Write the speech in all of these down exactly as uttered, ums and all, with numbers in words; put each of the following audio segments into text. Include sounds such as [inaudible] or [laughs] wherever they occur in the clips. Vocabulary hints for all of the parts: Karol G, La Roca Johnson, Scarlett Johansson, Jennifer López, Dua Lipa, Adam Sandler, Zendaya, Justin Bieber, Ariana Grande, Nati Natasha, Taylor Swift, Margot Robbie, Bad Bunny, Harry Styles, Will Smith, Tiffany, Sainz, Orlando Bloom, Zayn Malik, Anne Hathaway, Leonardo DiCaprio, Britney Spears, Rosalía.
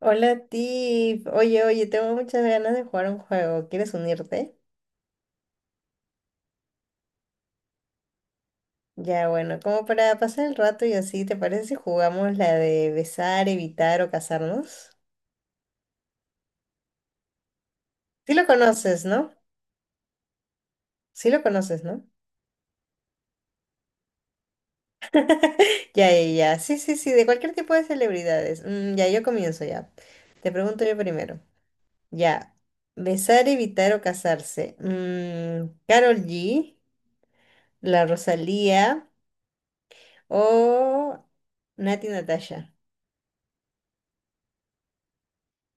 Hola Tiff, oye, oye, tengo muchas ganas de jugar un juego, ¿quieres unirte? Ya, bueno, como para pasar el rato y así, ¿te parece si jugamos la de besar, evitar o casarnos? Sí lo conoces, ¿no? Sí lo conoces, ¿no? Ya, ya, ya, sí, sí, sí, de cualquier tipo de celebridades. Mm, ya, yo comienzo ya. Te pregunto yo primero. Ya, besar, evitar o casarse. Mm, Karol G, la Rosalía o Nati Natasha.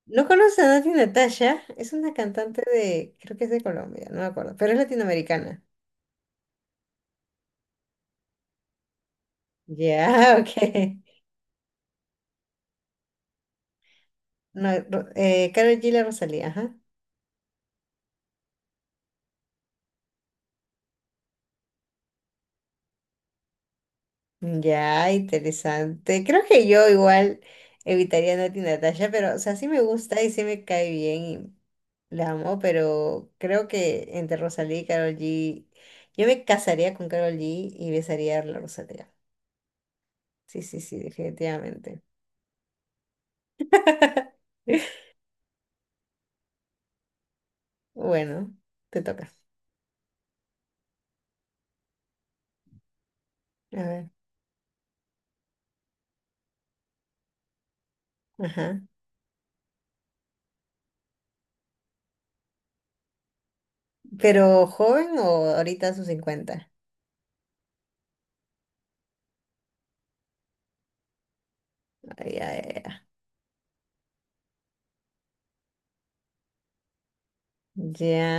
¿No conoces a Nati Natasha? Es una cantante de, creo que es de Colombia, no me acuerdo, pero es latinoamericana. Ya, [laughs] ok. No, Ro- eh, Karol G, la Rosalía, ajá. Ya, interesante. Creo que yo igual evitaría a Nati Natasha, pero, o sea, sí me gusta y sí me cae bien y la amo, pero creo que entre Rosalía y Karol G, yo me casaría con Karol G y besaría a la Rosalía. Sí, sí, sí, definitivamente. [laughs] Bueno, te toca. A ver. Ajá. ¿Pero joven o ahorita a sus cincuenta? Ay, ay, ay. Ya,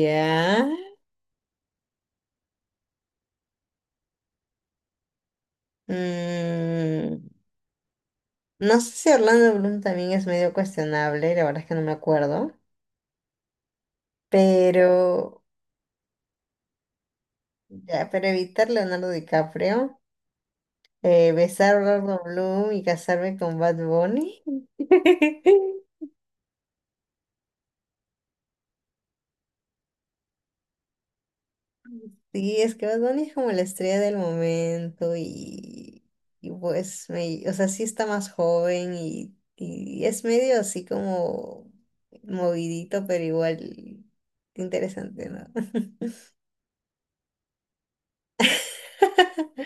ya. Mm, no sé si Orlando Bloom también es medio cuestionable, la verdad es que no me acuerdo. Pero, ya, pero evitar Leonardo DiCaprio, eh, besar a Orlando Bloom y casarme con Bad Bunny. [laughs] Sí, es que Bad Bunny es como la estrella del momento y, y pues, me, o sea, sí está más joven y, y es medio así como movidito, pero igual interesante, ¿no? [laughs]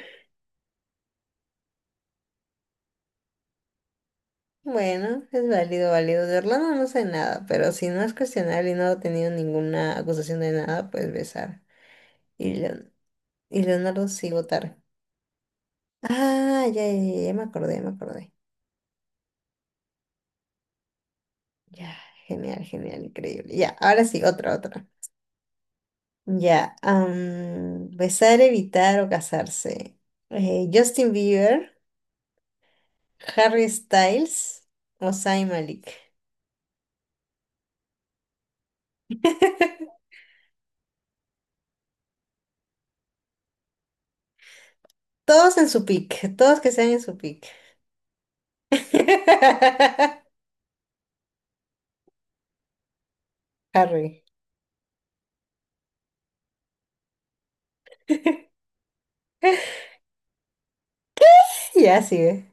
Bueno, es válido, válido. De Orlando no sé nada, pero si no es cuestionable y no ha tenido ninguna acusación de nada, pues besar. Y, Leon- y Leonardo sí votar. Ah, ya, ya, ya, ya me acordé, ya me acordé. Ya, genial, genial, increíble. Ya, ahora sí, otra, otra. Ya, am, besar, evitar o casarse. Eh, Justin Bieber, Harry Styles o Zayn Malik. [laughs] Todos en su pick, todos que sean en su pick. [laughs] Harry. [laughs] Ya sigue.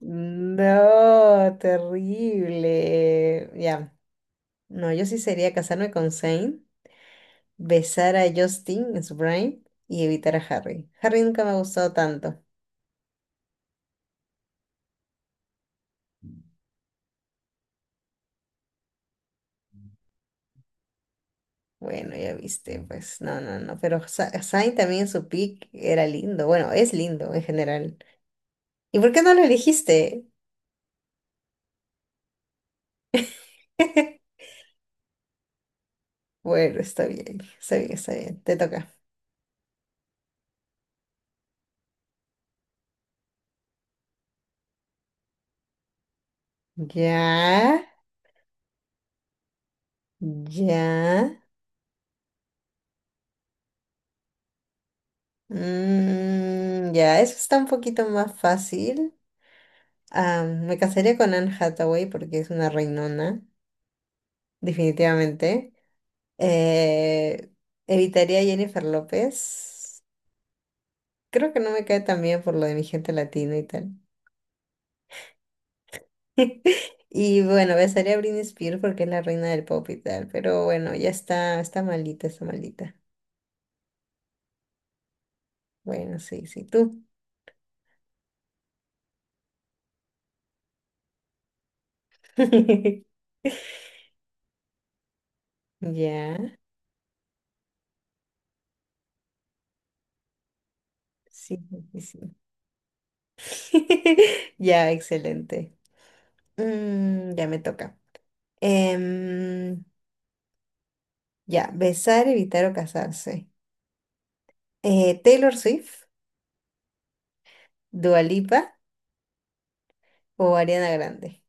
No, terrible. Ya, no, yo sí sería casarme con Zayn, besar a Justin en su prime y evitar a Harry. Harry nunca me ha gustado tanto. Bueno, ya viste, pues no, no, no, pero Sa- Sainz también en su pick era lindo, bueno, es lindo en general. ¿Y por qué no lo elegiste? [laughs] Bueno, está bien, está bien, está bien, te toca. Ya, ya, mm, ya, eso está un poquito más fácil. Ah, me casaría con Anne Hathaway porque es una reinona, definitivamente. Eh, evitaría a Jennifer López. Creo que no me cae tan bien por lo de mi gente latina y tal. [laughs] Y bueno, besaría a Britney Spears porque es la reina del pop y tal, pero bueno, ya está, está malita está malita. Bueno, sí, sí, tú. [laughs] Ya, sí, sí, sí. [laughs] Ya, excelente. Mm, ya me toca. Em, ya, besar, evitar o casarse. Eh, Taylor Swift, Dua Lipa o Ariana Grande.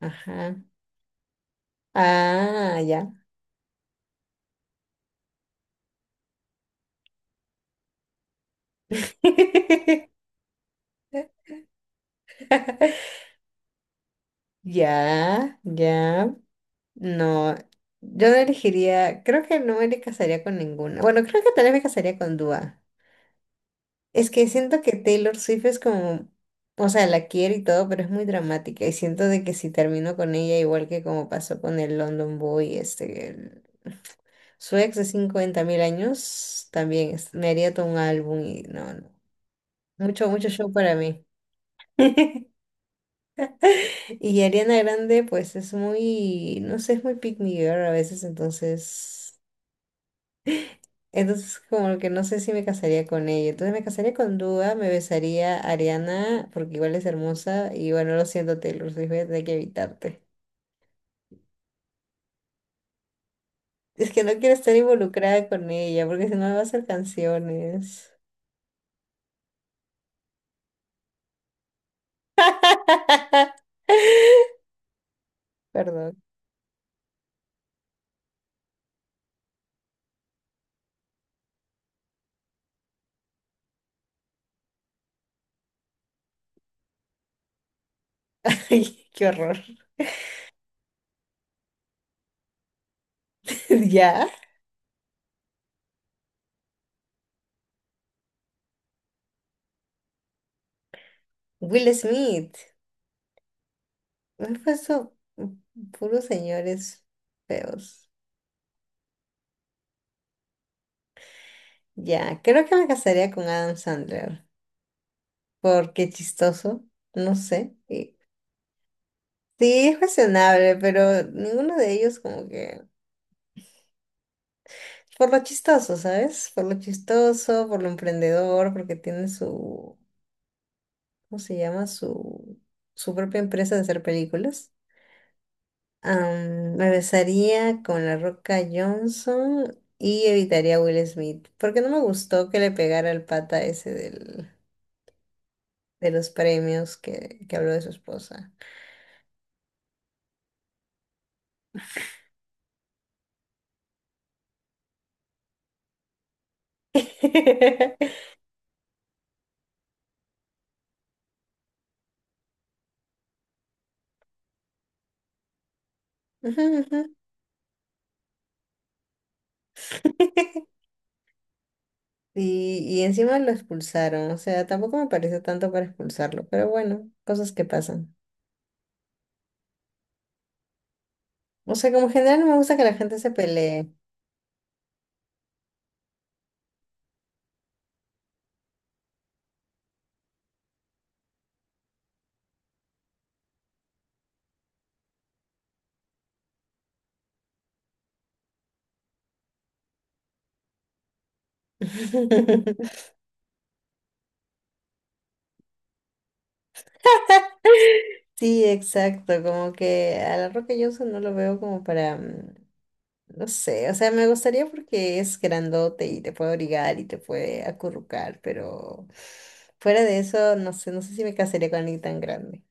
Ajá. Ah, ya. [laughs] Ya, ya, no, yo no elegiría, creo que no me casaría con ninguna. Bueno, creo que tal vez me casaría con Dua. Es que siento que Taylor Swift es como, o sea, la quiero y todo, pero es muy dramática y siento de que si termino con ella, igual que como pasó con el London Boy, este, el- su ex de cincuenta mil años, también es- me haría todo un álbum y no, no. Mucho, mucho show para mí. [laughs] Y Ariana Grande, pues es muy, no sé, es muy pick me girl a veces, entonces. Entonces, como que no sé si me casaría con ella. Entonces, me casaría con Dua, me besaría a Ariana, porque igual es hermosa. Y bueno, lo siento, Taylor Swift, voy a tener que evitarte. Es que no quiero estar involucrada con ella, porque si no me va a hacer canciones. [laughs] Perdón. [laughs] Ay, qué horror. [laughs] ¿Ya? Will Smith. Me he puesto puros señores feos. Ya, creo que me casaría con Adam Sandler, porque chistoso, no sé. Sí, es cuestionable, pero ninguno de ellos como que por lo chistoso, ¿sabes? Por lo chistoso, por lo emprendedor, porque tiene su, ¿cómo se llama? Su, su propia empresa de hacer películas. Am, me besaría con La Roca Johnson y evitaría a Will Smith, porque no me gustó que le pegara el pata ese del, de los premios que, que habló de su esposa. [laughs] Ujú, ujú. [laughs] Y, y encima lo expulsaron, o sea, tampoco me pareció tanto para expulsarlo, pero bueno, cosas que pasan. O sea, como en general no me gusta que la gente se pelee. [laughs] Sí, exacto, como que a la Roca Johnson no lo veo como para, mm, no sé, o sea, me gustaría porque es grandote y te puede obligar y te puede acurrucar, pero fuera de eso, no sé, no sé si me casaría con alguien tan grande.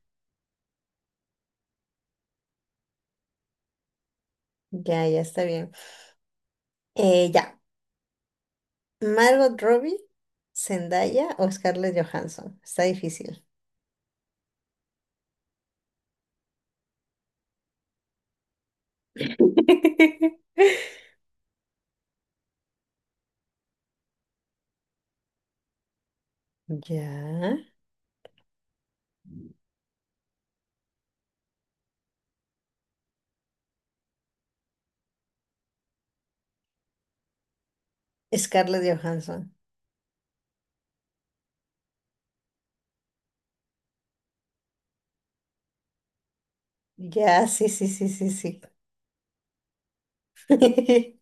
Ya, ya está bien. Eh, ya. Margot Robbie, Zendaya o Scarlett Johansson. Está difícil. [laughs] Ya. Scarlett Johansson. Ya, sí, sí, sí, sí, sí. [laughs]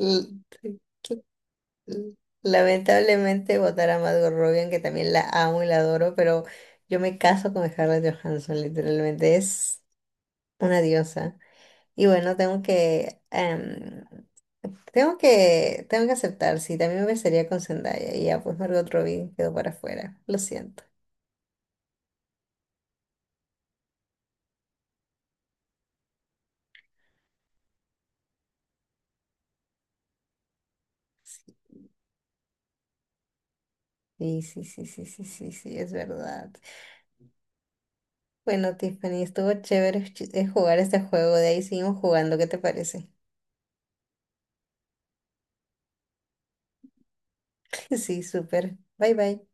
L- Lamentablemente votar a Margot Robbie, aunque también la amo y la adoro, pero yo me caso con Scarlett Johansson, literalmente. Es una diosa. Y bueno, tengo que em, tengo que, tengo que aceptar, sí, también me besaría con Zendaya y ya pues Margot Robbie quedó para afuera, lo siento. Sí, sí, sí, sí, sí, sí, sí, es verdad. Bueno, Tiffany, estuvo chévere ch- eh, jugar este juego, de ahí seguimos jugando, ¿qué te parece? [laughs] Sí, súper. Bye, bye.